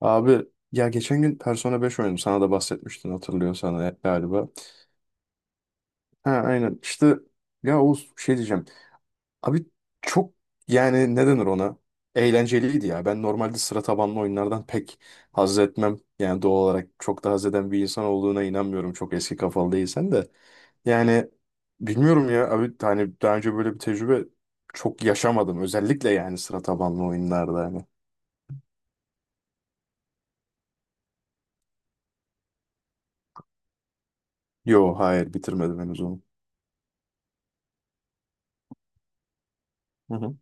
Abi ya geçen gün Persona 5 oynadım. Sana da bahsetmiştin hatırlıyorsan galiba. Ha aynen. işte ya Oğuz şey diyeceğim. Abi çok yani ne denir ona? Eğlenceliydi ya. Ben normalde sıra tabanlı oyunlardan pek haz etmem. Yani doğal olarak çok da haz eden bir insan olduğuna inanmıyorum. Çok eski kafalı değilsen de. Yani bilmiyorum ya abi hani daha önce böyle bir tecrübe çok yaşamadım. Özellikle yani sıra tabanlı oyunlarda hani. Yo hayır bitirmedim henüz onu. Hı hı.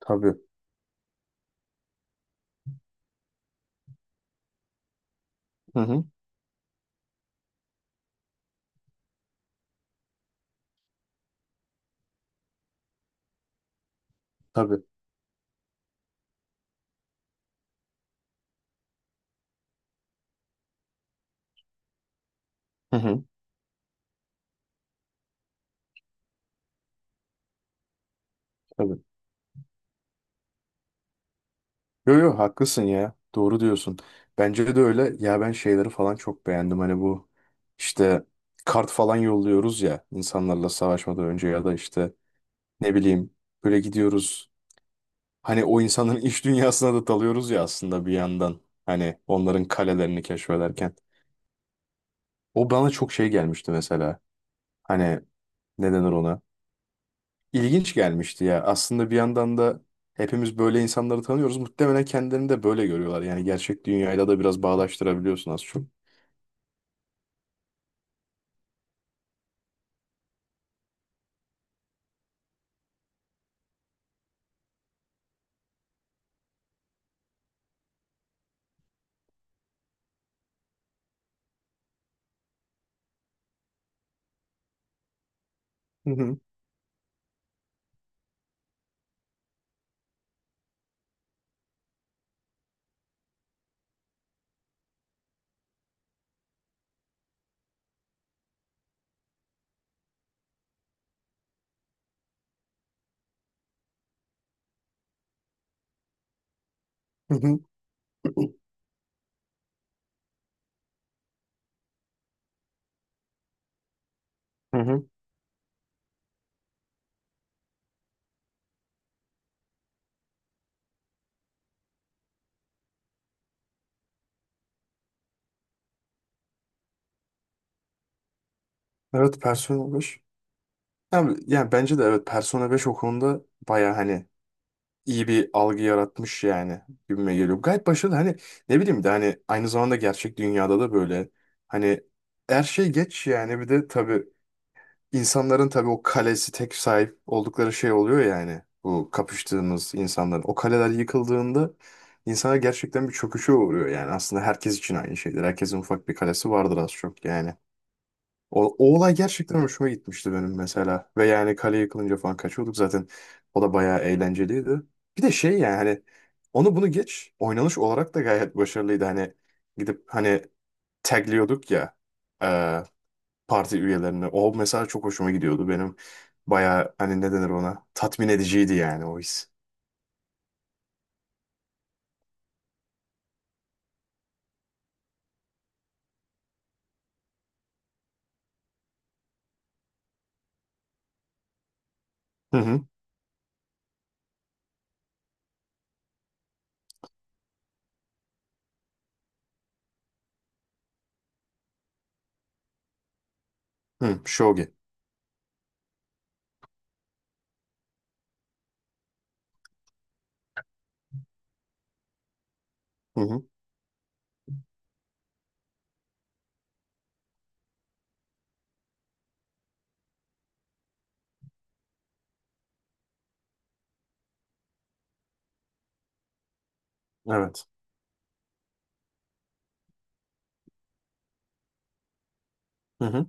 Tabii. Hı hı. Tabii. Hı hı. Tabii. Yo yo haklısın ya. Doğru diyorsun. Bence de öyle. Ya ben şeyleri falan çok beğendim. Hani bu işte kart falan yolluyoruz ya insanlarla savaşmadan önce ya da işte ne bileyim böyle gidiyoruz. Hani o insanın iç dünyasına da dalıyoruz ya aslında bir yandan. Hani onların kalelerini keşfederken. O bana çok şey gelmişti mesela. Hani ne denir ona? İlginç gelmişti ya. Aslında bir yandan da hepimiz böyle insanları tanıyoruz. Muhtemelen kendilerini de böyle görüyorlar. Yani gerçek dünyayla da biraz bağdaştırabiliyorsun az çok. Hı hı. Hı hı. Hı hı. Evet Persona beş. Yani, bence de evet Persona beş o konuda baya hani iyi bir algı yaratmış yani gibime geliyor. Gayet başarılı hani ne bileyim de hani aynı zamanda gerçek dünyada da böyle hani her şey geç yani bir de tabii insanların tabii o kalesi tek sahip oldukları şey oluyor yani bu kapıştığımız insanların. O kaleler yıkıldığında insanlar gerçekten bir çöküşe uğruyor yani aslında herkes için aynı şeydir. Herkesin ufak bir kalesi vardır az çok yani. O olay gerçekten hoşuma gitmişti benim mesela. Ve yani kale yıkılınca falan kaçıyorduk zaten. O da bayağı eğlenceliydi. Bir de şey yani hani onu bunu geç. Oynanış olarak da gayet başarılıydı. Hani gidip hani tagliyorduk ya e, parti üyelerini. O mesela çok hoşuma gidiyordu benim. Bayağı hani ne denir ona? Tatmin ediciydi yani o his. Hı hı. Hı, Shogi. Hı hı. Evet. Hı hı.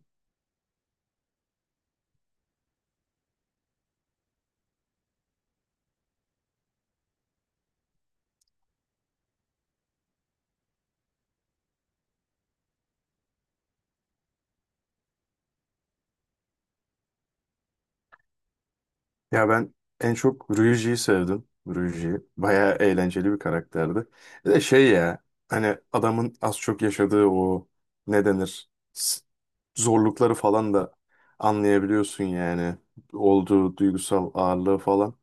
Ya ben en çok Ryuji'yi sevdim. Ryuji bayağı eğlenceli bir karakterdi. Bir de şey ya hani adamın az çok yaşadığı o ne denir zorlukları falan da anlayabiliyorsun yani. Olduğu duygusal ağırlığı falan.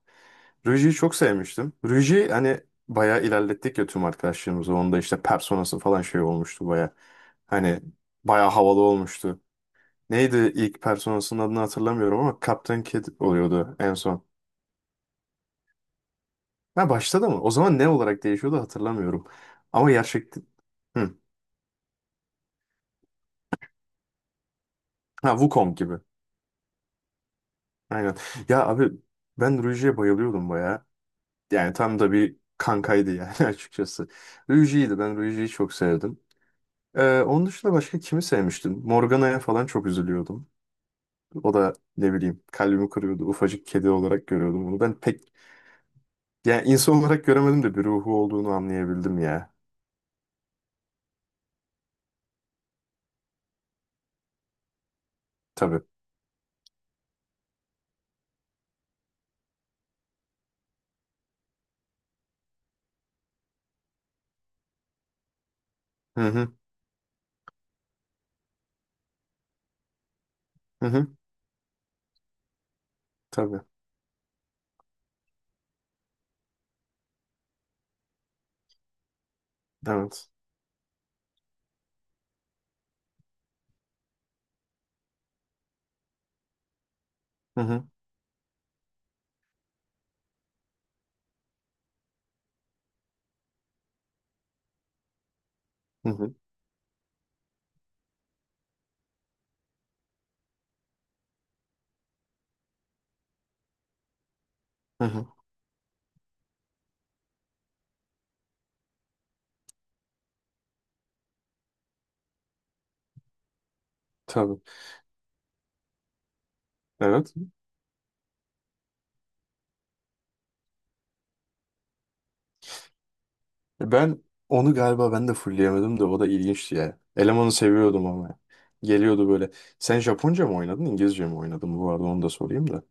Ryuji'yi çok sevmiştim. Ryuji hani bayağı ilerlettik ya tüm arkadaşlarımızı. Onda işte personası falan şey olmuştu bayağı. Hani bayağı havalı olmuştu. Neydi ilk personasının adını hatırlamıyorum ama Captain Kid oluyordu en son. Ha başladı mı? O zaman ne olarak değişiyordu hatırlamıyorum. Ama gerçekten... Hı. Ha Wukong gibi. Aynen. Ya abi ben Ruiji'ye bayılıyordum baya. Yani tam da bir kankaydı yani açıkçası. Ruiji'ydi. Ben Ruiji'yi çok sevdim. Onun dışında başka kimi sevmiştim? Morgana'ya falan çok üzülüyordum. O da ne bileyim kalbimi kırıyordu. Ufacık kedi olarak görüyordum onu. Ben pek yani insan olarak göremedim de bir ruhu olduğunu anlayabildim ya. Tabii. Hı hı. Hı hı. Tabii. Evet. Hı hı. Hı hı. Hı hı. Tabii. Evet. Ben onu galiba ben de fullleyemedim de o da ilginçti ya. Elemanı seviyordum ama. Geliyordu böyle. Sen Japonca mı oynadın, İngilizce mi oynadın? Bu arada onu da sorayım da.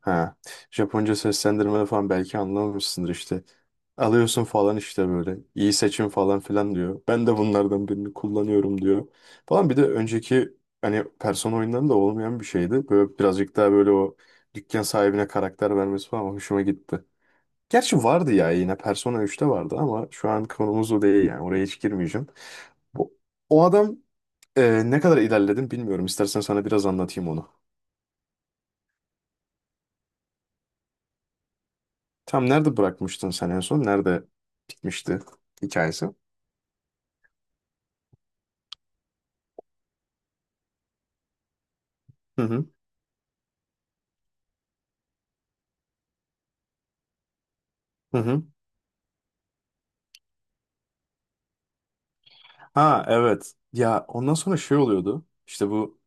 Ha. Japonca seslendirmede falan belki anlamamışsındır işte. Alıyorsun falan işte böyle. İyi seçim falan filan diyor. Ben de bunlardan birini kullanıyorum diyor. Falan bir de önceki hani Persona oyunlarında olmayan bir şeydi. Böyle birazcık daha böyle o dükkan sahibine karakter vermesi falan hoşuma gitti. Gerçi vardı ya yine Persona 3'te vardı ama şu an konumuz o değil yani oraya hiç girmeyeceğim. Bu, o adam ne kadar ilerledin bilmiyorum. İstersen sana biraz anlatayım onu. Tam nerede bırakmıştın sen en son? Nerede bitmişti hikayesi? Hı hı. Hı hı. Ha evet. Ya ondan sonra şey oluyordu. İşte bu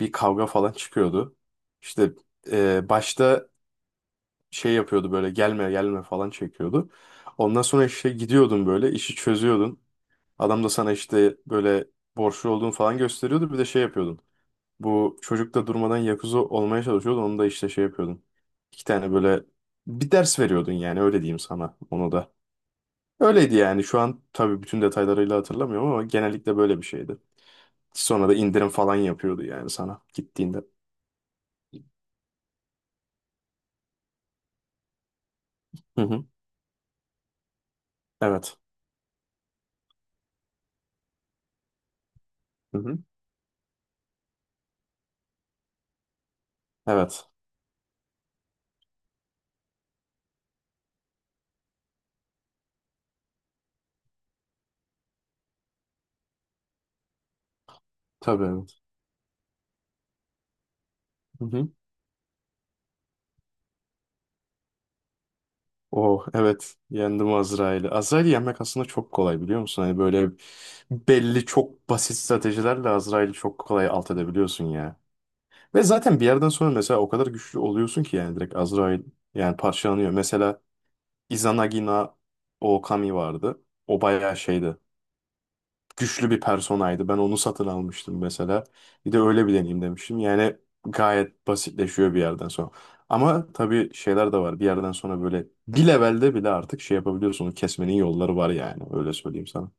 bir kavga falan çıkıyordu. İşte başta şey yapıyordu böyle gelme gelme falan çekiyordu. Ondan sonra işte gidiyordun böyle işi çözüyordun. Adam da sana işte böyle borçlu olduğunu falan gösteriyordu. Bir de şey yapıyordun. Bu çocuk da durmadan Yakuza olmaya çalışıyordu. Onu da işte şey yapıyordun. İki tane böyle bir ders veriyordun yani öyle diyeyim sana onu da. Öyleydi yani şu an tabii bütün detaylarıyla hatırlamıyorum ama genellikle böyle bir şeydi. Sonra da indirim falan yapıyordu yani sana gittiğinde. Hı hı. Evet. Hı hı. Evet. Tabii evet. Hı hı. Oh evet yendim Azrail'i. Azrail'i yenmek aslında çok kolay biliyor musun? Hani böyle belli çok basit stratejilerle Azrail'i çok kolay alt edebiliyorsun ya. Ve zaten bir yerden sonra mesela o kadar güçlü oluyorsun ki yani direkt Azrail yani parçalanıyor. Mesela Izanagina Okami vardı. O bayağı şeydi güçlü bir personaydı. Ben onu satın almıştım mesela. Bir de öyle bir deneyim demiştim. Yani gayet basitleşiyor bir yerden sonra. Ama tabii şeyler de var. Bir yerden sonra böyle bir levelde bile artık şey yapabiliyorsun. Onu kesmenin yolları var yani. Öyle söyleyeyim sana.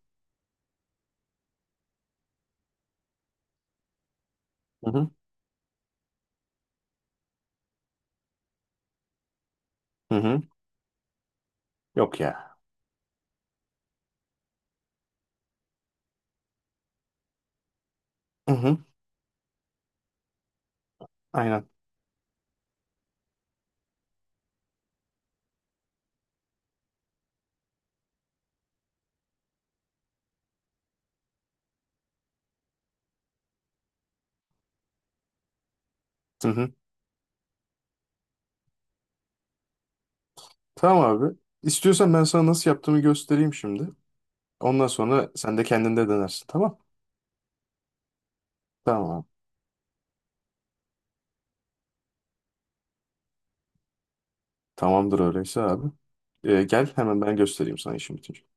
Hı hı. Hı hı. Yok ya. Hı hı. Aynen. Hı hı. Tamam abi. İstiyorsan ben sana nasıl yaptığımı göstereyim şimdi. Ondan sonra sen de kendinde denersin. Tamam. Tamam. Tamamdır öyleyse abi. Gel hemen ben göstereyim sana işim bitince.